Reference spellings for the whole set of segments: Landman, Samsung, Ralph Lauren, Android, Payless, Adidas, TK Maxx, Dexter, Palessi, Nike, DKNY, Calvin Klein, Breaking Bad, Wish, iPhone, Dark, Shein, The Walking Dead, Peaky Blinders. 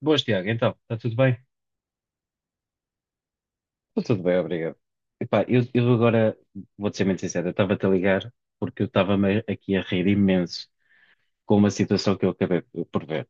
Boas, Tiago, então, está tudo bem? Está tudo bem, obrigado. Epá, eu agora vou-te ser muito sincero, eu estava-te a ligar porque eu estava-me aqui a rir imenso com uma situação que eu acabei por ver.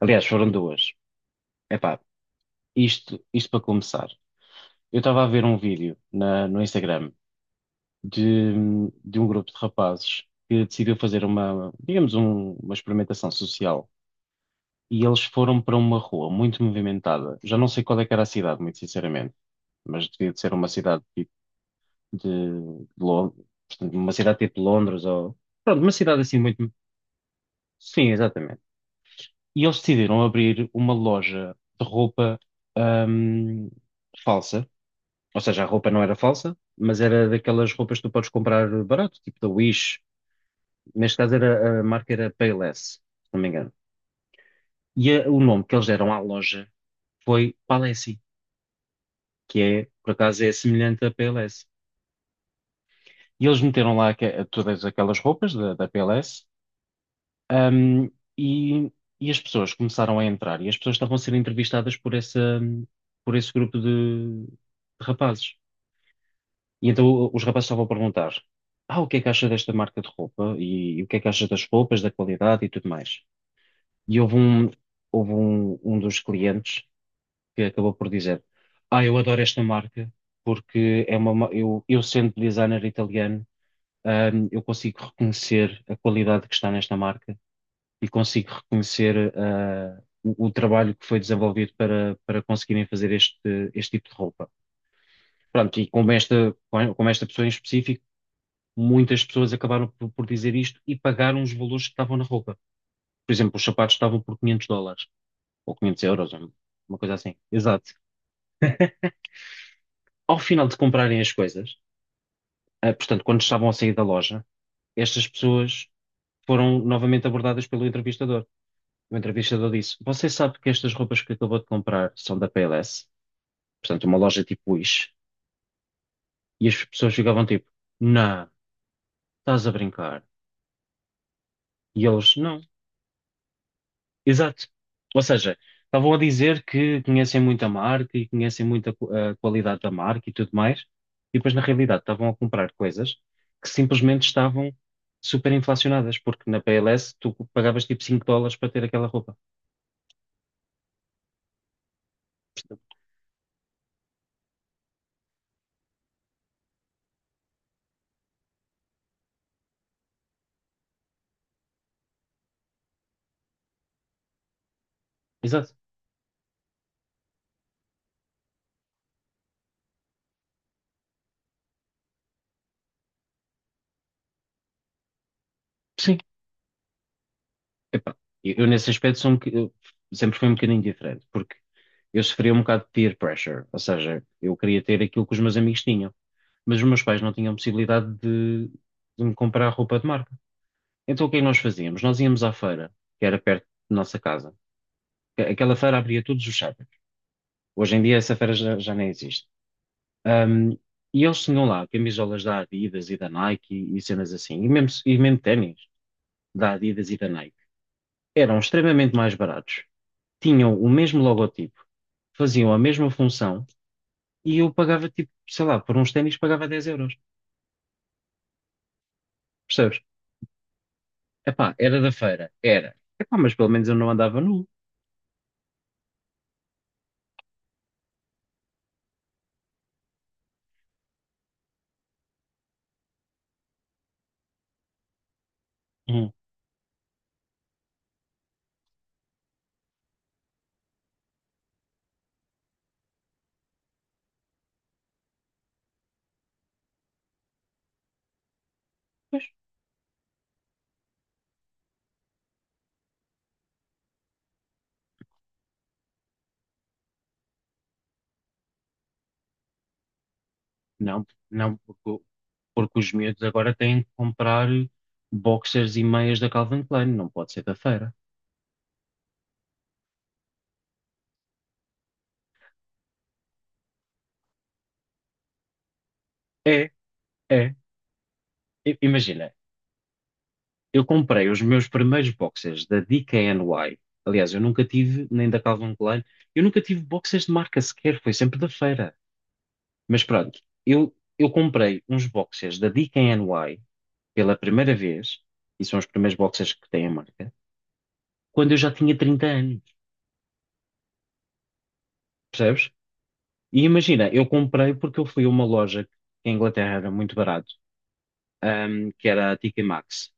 Aliás, foram duas. Epá, isto para começar. Eu estava a ver um vídeo no Instagram de, de um grupo de rapazes que decidiu fazer uma, digamos, uma experimentação social e eles foram para uma rua muito movimentada. Já não sei qual é que era a cidade, muito sinceramente, mas devia de ser uma cidade de Londres, portanto, uma cidade tipo Londres ou pronto, uma cidade assim muito. Sim, exatamente. E eles decidiram abrir uma loja de roupa ahm, falsa. Ou seja, a roupa não era falsa, mas era daquelas roupas que tu podes comprar barato, tipo da Wish. Neste caso era, a marca era Payless, se não me engano. E o nome que eles deram à loja foi Palessi, que é, por acaso, é semelhante a Payless. E eles meteram lá todas aquelas roupas da PLS. Um, e, e as pessoas começaram a entrar e as pessoas estavam a ser entrevistadas por essa, por esse grupo de rapazes. E então os rapazes estavam a perguntar: Ah, o que é que acha desta marca de roupa? E o que é que acha das roupas, da qualidade e tudo mais? E houve um dos clientes que acabou por dizer: Ah, eu adoro esta marca porque eu sendo designer italiano, eu consigo reconhecer a qualidade que está nesta marca e consigo reconhecer, o trabalho que foi desenvolvido para conseguirem fazer este tipo de roupa. Pronto, e como esta pessoa em específico, muitas pessoas acabaram por dizer isto e pagaram os valores que estavam na roupa. Por exemplo, os sapatos estavam por 500 dólares, ou 500 euros, ou uma coisa assim. Exato. Ao final de comprarem as coisas, portanto, quando estavam a sair da loja, estas pessoas foram novamente abordadas pelo entrevistador. O entrevistador disse: Você sabe que estas roupas que acabou de comprar são da PLS? Portanto, uma loja tipo Wish. E as pessoas ficavam tipo, não, estás a brincar. E eles, não, exato. Ou seja, estavam a dizer que conhecem muito a marca e conhecem muito a qualidade da marca e tudo mais. E depois, na realidade, estavam a comprar coisas que simplesmente estavam super inflacionadas, porque na PLS tu pagavas tipo 5 dólares para ter aquela roupa. Exato. Sim. Epá, eu nesse aspecto eu sempre fui um bocadinho diferente, porque eu sofria um bocado de peer pressure, ou seja, eu queria ter aquilo que os meus amigos tinham, mas os meus pais não tinham possibilidade de me comprar roupa de marca. Então o que é que nós fazíamos? Nós íamos à feira, que era perto da nossa casa. Aquela feira abria todos os sábados. Hoje em dia essa feira já nem existe. Ahm, e eles tinham lá camisolas da Adidas e da Nike e cenas assim, e mesmo ténis da Adidas e da Nike. Eram extremamente mais baratos, tinham o mesmo logotipo, faziam a mesma função e eu pagava, tipo, sei lá, por uns ténis pagava 10 euros. Percebes? Epá, era da feira, era. Epá, mas pelo menos eu não andava nu. Hum, Pois, não, não, porque os miúdos agora têm que comprar boxers e meias da Calvin Klein, não pode ser da feira. É, é. Imagina, eu comprei os meus primeiros boxers da DKNY. Aliás, eu nunca tive, nem da Calvin Klein, eu nunca tive boxers de marca sequer, foi sempre da feira. Mas pronto, eu comprei uns boxers da DKNY pela primeira vez, e são os primeiros boxers que têm a marca, quando eu já tinha 30 anos, percebes? E imagina, eu comprei porque eu fui a uma loja que em Inglaterra era muito barato, que era a TK Maxx.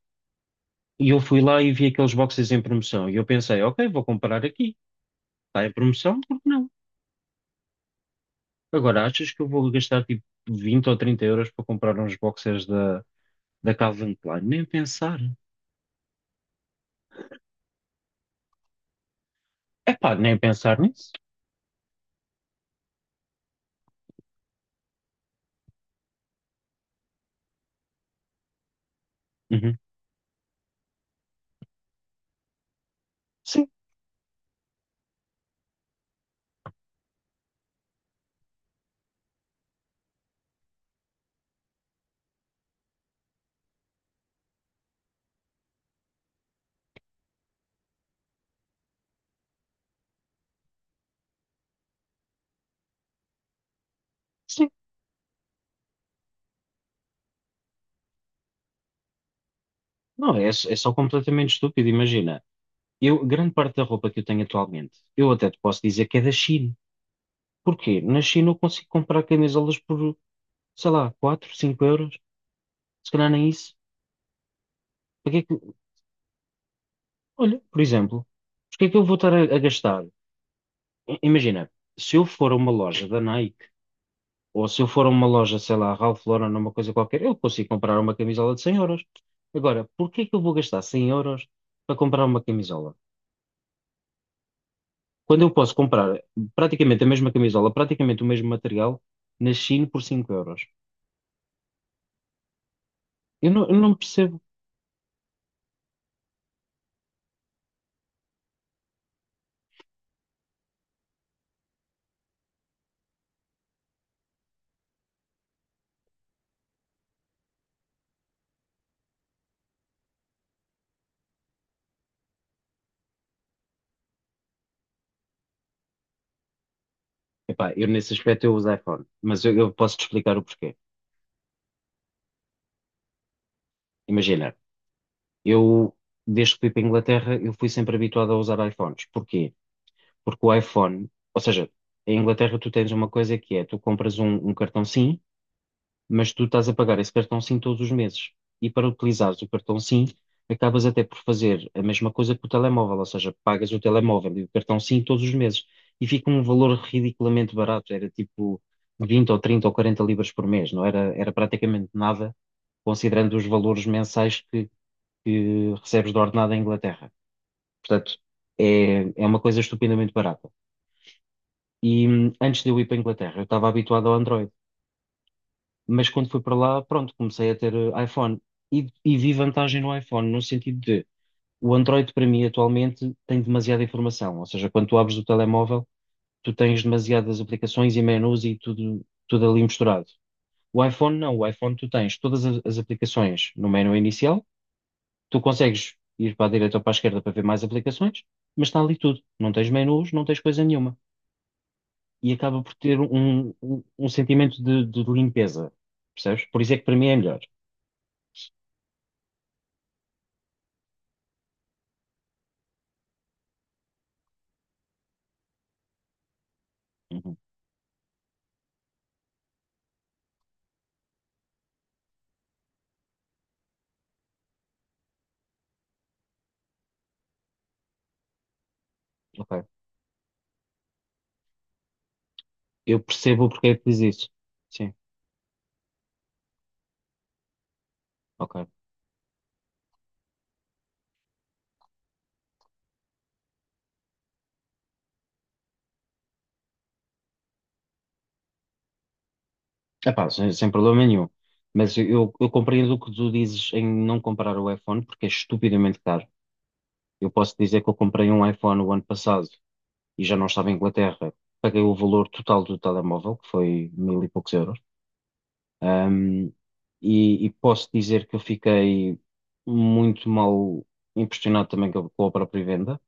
E eu fui lá e vi aqueles boxers em promoção. E eu pensei: ok, vou comprar aqui. Está em promoção, por que não? Agora, achas que eu vou gastar tipo 20 ou 30 euros para comprar uns boxers da Calvin Klein? Nem pensar. Epá, nem pensar nisso. Uhum. Sim, sim. Não, é só completamente estúpido. Imagina, eu, grande parte da roupa que eu tenho atualmente, eu até te posso dizer que é da China. Porquê? Na China eu consigo comprar camisolas por, sei lá, 4 5 euros. Se calhar nem isso. Porque que, olha, por exemplo, porque é que eu vou estar a gastar? Imagina, se eu for a uma loja da Nike, ou se eu for a uma loja, sei lá, Ralph Lauren, uma coisa qualquer, eu consigo comprar uma camisola de 100 euros. Agora, porquê que eu vou gastar 100 euros para comprar uma camisola? Quando eu posso comprar praticamente a mesma camisola, praticamente o mesmo material, na Shein por 5 euros. Eu não percebo. Epá, eu nesse aspecto eu uso iPhone, mas eu posso te explicar o porquê. Imagina, eu desde que fui para a Inglaterra, eu fui sempre habituado a usar iPhones. Porquê? Porque o iPhone, ou seja, em Inglaterra tu tens uma coisa que é, tu compras um cartão SIM, mas tu estás a pagar esse cartão SIM todos os meses. E para utilizares o cartão SIM, acabas até por fazer a mesma coisa que o telemóvel, ou seja, pagas o telemóvel e o cartão SIM todos os meses e fica um valor ridiculamente barato, era tipo 20 ou 30 ou 40 libras por mês, não era, era praticamente nada, considerando os valores mensais que recebes de ordenado em Inglaterra. Portanto, é uma coisa estupendamente barata. E antes de eu ir para a Inglaterra, eu estava habituado ao Android. Mas quando fui para lá, pronto, comecei a ter iPhone e vi vantagem no iPhone, no sentido de o Android para mim atualmente tem demasiada informação, ou seja, quando tu abres o telemóvel, tu tens demasiadas aplicações e menus e tudo, tudo ali misturado. O iPhone não, o iPhone tu tens todas as aplicações no menu inicial, tu consegues ir para a direita ou para a esquerda para ver mais aplicações, mas está ali tudo, não tens menus, não tens coisa nenhuma. E acaba por ter um sentimento de limpeza, percebes? Por isso é que para mim é melhor. Uhum. Ok. Eu percebo o porquê é que diz isso. Sim, ok. Epá, sem problema nenhum. Mas eu compreendo o que tu dizes em não comprar o iPhone, porque é estupidamente caro. Eu posso dizer que eu comprei um iPhone o ano passado e já não estava em Inglaterra. Paguei o valor total do telemóvel, que foi mil e poucos euros. Ahm, e posso dizer que eu fiquei muito mal impressionado também com a própria venda.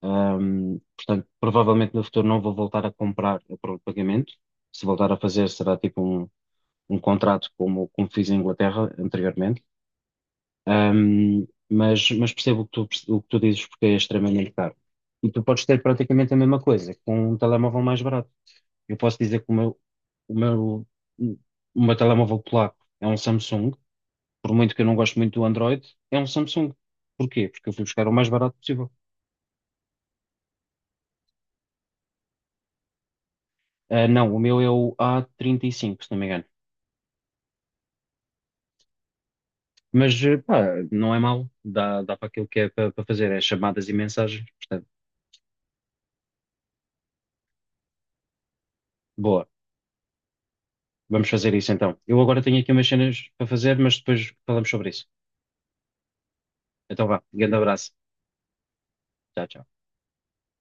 Portanto, provavelmente no futuro não vou voltar a comprar a prova de pagamento. Se voltar a fazer, será tipo um contrato como fiz em Inglaterra anteriormente. Mas percebo o que tu dizes porque é extremamente caro. E tu podes ter praticamente a mesma coisa com um telemóvel mais barato. Eu posso dizer que o meu, o meu telemóvel polaco é um Samsung. Por muito que eu não goste muito do Android, é um Samsung. Porquê? Porque eu fui buscar o mais barato possível. Ah, não, o meu é o A35, se não me engano. Mas pá, não é mau, dá para aquilo que é para fazer, é chamadas e mensagens, portanto, boa, vamos fazer isso então. Eu agora tenho aqui umas cenas para fazer, mas depois falamos sobre isso. Então vá, grande abraço, tchau, tchau.